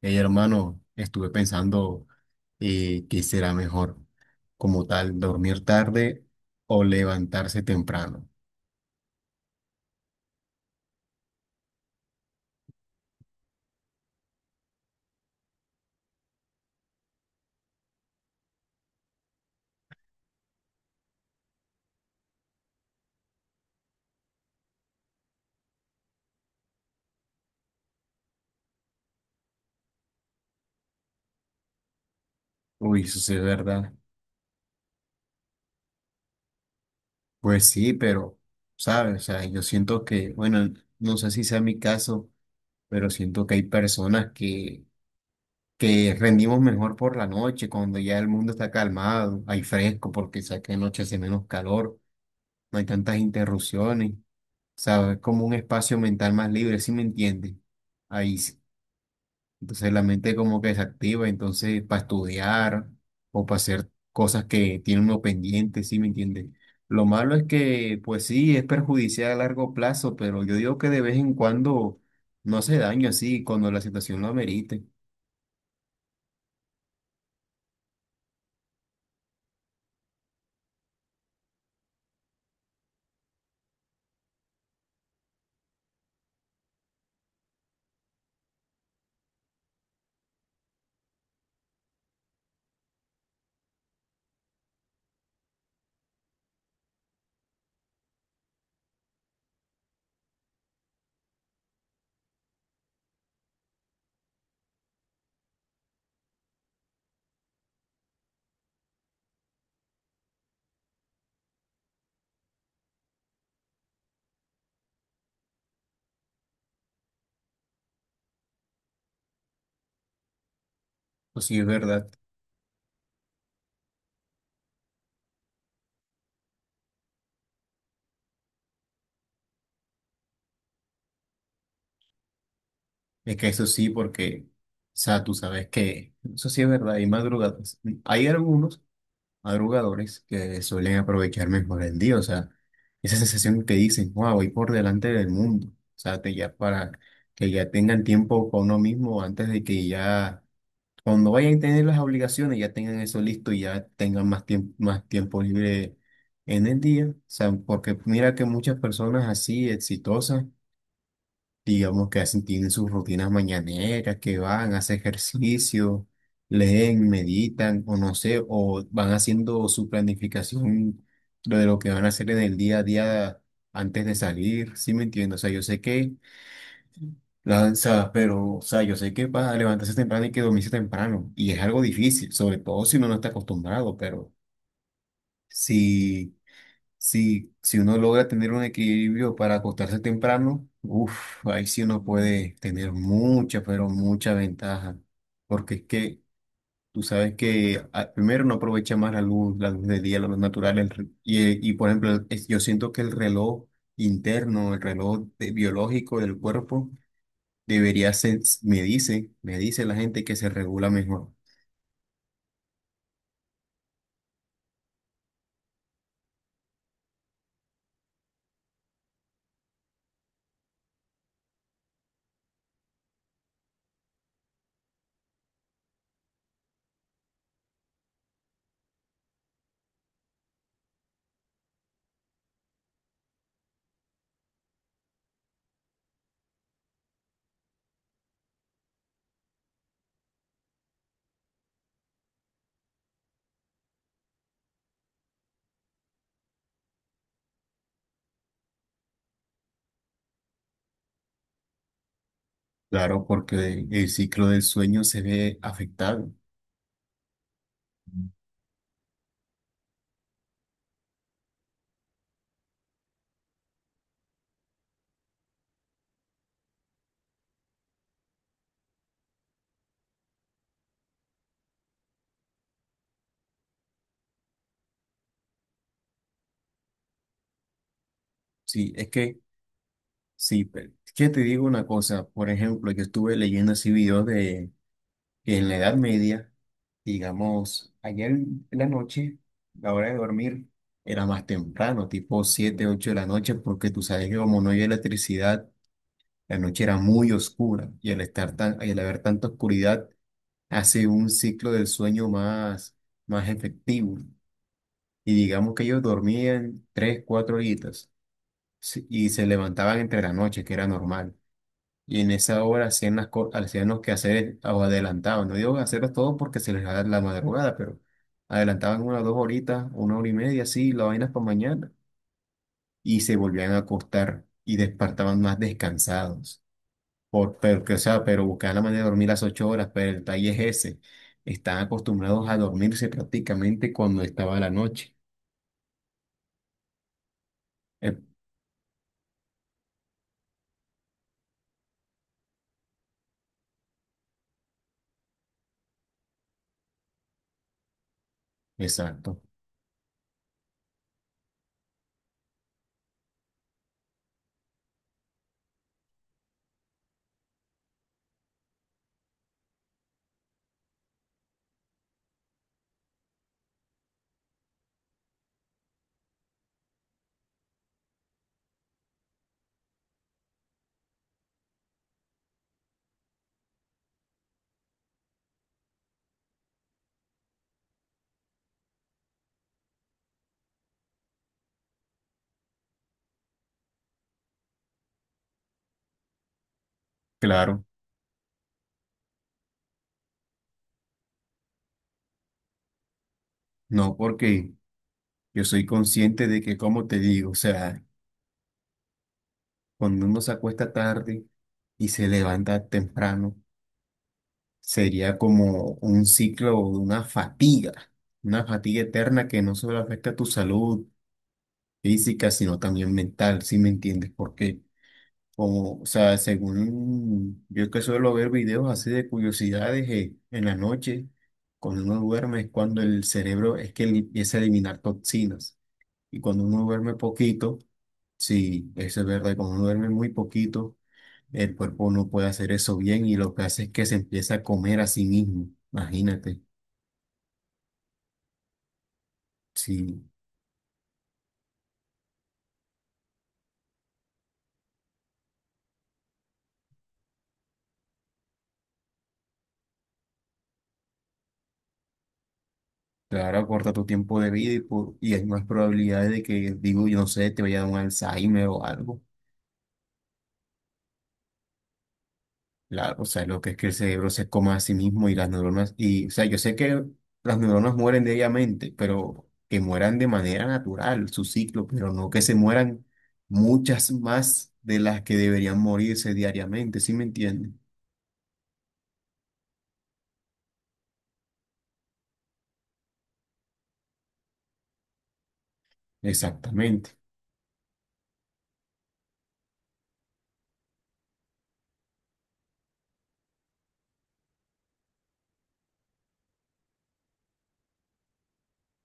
Hey, hermano, estuve pensando qué será mejor, como tal, dormir tarde o levantarse temprano. Uy, eso sí es verdad. Pues sí, pero, ¿sabes? O sea, yo siento que, bueno, no sé si sea mi caso, pero siento que hay personas que rendimos mejor por la noche, cuando ya el mundo está calmado, hay fresco, porque sabes que de noche hace menos calor, no hay tantas interrupciones, ¿sabes? Es como un espacio mental más libre, ¿sí me entiendes? Ahí, sí. Entonces la mente como que desactiva, entonces para estudiar o para hacer cosas que tiene uno pendiente, ¿sí me entiende? Lo malo es que, pues sí, es perjudicial a largo plazo, pero yo digo que de vez en cuando no hace daño así, cuando la situación lo amerite. Pues sí, es verdad. Es que eso sí, porque, o sea, tú sabes que eso sí es verdad, hay madrugadas. Hay algunos madrugadores que suelen aprovechar mejor el día, o sea, esa sensación que dicen, wow, voy por delante del mundo, o sea, ya para que ya tengan tiempo para uno mismo antes de que ya, cuando vayan a tener las obligaciones, ya tengan eso listo y ya tengan más tiempo libre en el día, o sea, porque mira que muchas personas así exitosas digamos que hacen, tienen sus rutinas mañaneras, que van, hacen ejercicio, leen, meditan, o no sé, o van haciendo su planificación de lo que van a hacer en el día a día antes de salir, ¿sí me entiendes? O sea, yo sé que, la, o sea, pero, o sea, yo sé que va a levantarse temprano y que dormirse temprano, y es algo difícil, sobre todo si uno no está acostumbrado, pero si... Si uno logra tener un equilibrio para acostarse temprano, uff, ahí sí uno puede tener mucha, pero mucha ventaja. Porque es que tú sabes que ah, primero no aprovecha más la luz del día, la luz natural. Y por ejemplo, yo siento que el reloj interno, el biológico del cuerpo, debería ser, me dice la gente que se regula mejor. Claro, porque el ciclo del sueño se ve afectado. Sí, es que. Sí, pero es que te digo una cosa, por ejemplo, yo estuve leyendo así videos de que en la Edad Media, digamos, ayer en la noche, la hora de dormir era más temprano, tipo 7 8 de la noche, porque tú sabes que como no había electricidad, la noche era muy oscura y al estar tan, y al haber tanta oscuridad hace un ciclo del sueño más, más efectivo. Y digamos que ellos dormían 3 4 horitas sí, y se levantaban entre la noche, que era normal. Y en esa hora hacían los quehaceres o adelantaban. No digo hacerlas todo porque se les da la madrugada, pero adelantaban una dos horitas, una hora y media, así, la vaina para mañana. Y se volvían a acostar y despertaban más descansados. Por, pero, que, o sea, pero buscaban la manera de dormir las ocho horas, pero el detalle es ese. Están acostumbrados a dormirse prácticamente cuando estaba la noche. Eh, Exacto, claro. No, porque yo soy consciente de que, como te digo, o sea, cuando uno se acuesta tarde, y se levanta temprano, sería como un ciclo de una fatiga eterna que no solo afecta a tu salud física, sino también mental, ¿si me entiendes? Porque, como, o sea, según yo que suelo ver videos así de curiosidades en la noche, cuando uno duerme es cuando el cerebro empieza a eliminar toxinas. Y cuando uno duerme poquito, sí, eso es verdad, cuando uno duerme muy poquito, el cuerpo no puede hacer eso bien y lo que hace es que se empieza a comer a sí mismo. Imagínate, si claro, acorta tu tiempo de vida y hay más probabilidades de que, digo, yo no sé, te vaya a dar un Alzheimer o algo. Claro, o sea, lo que es que el cerebro se coma a sí mismo y las neuronas, y, o sea, yo sé que las neuronas mueren diariamente, pero que mueran de manera natural, su ciclo, pero no que se mueran muchas más de las que deberían morirse diariamente, ¿sí me entienden? Exactamente.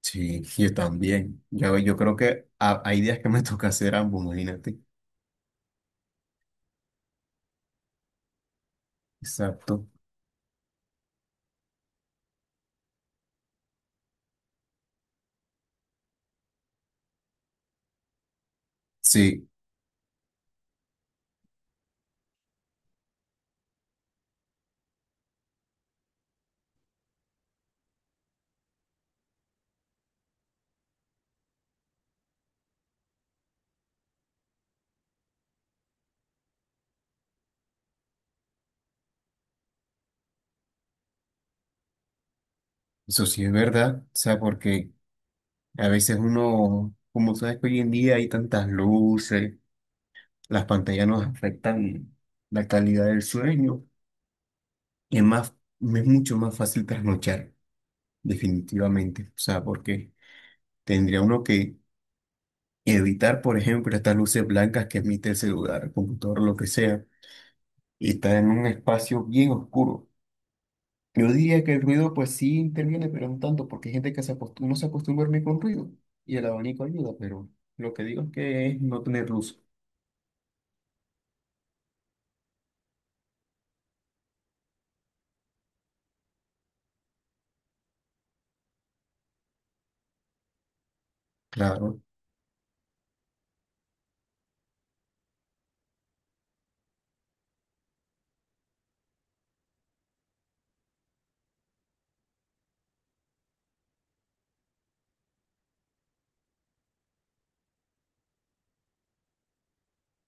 Sí, yo también. Yo creo que hay días que me toca hacer ambos, imagínate. Exacto. Sí, eso sí es verdad. O sea, porque a veces uno, como sabes que hoy en día hay tantas luces, las pantallas nos afectan la calidad del sueño. Es más, me es mucho más fácil trasnochar, definitivamente. O sea, porque tendría uno que evitar, por ejemplo, estas luces blancas que emite el celular, el computador, lo que sea, y estar en un espacio bien oscuro. Yo diría que el ruido pues sí interviene, pero no tanto, porque hay gente que no se acostumbra a dormir con ruido y el abanico ayuda, pero lo que digo es que es no tener luz. Claro.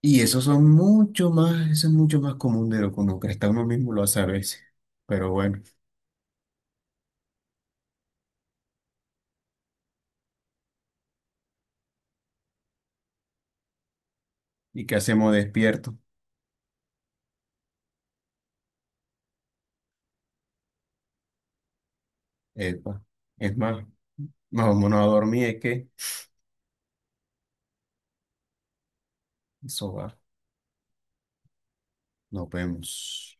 Y eso son mucho más, eso es mucho más común de lo que uno cree. Hasta uno mismo lo hace a veces. Pero bueno, ¿y qué hacemos despierto? Epa. Es más, nos vámonos a dormir, es que eso va. Nos vemos.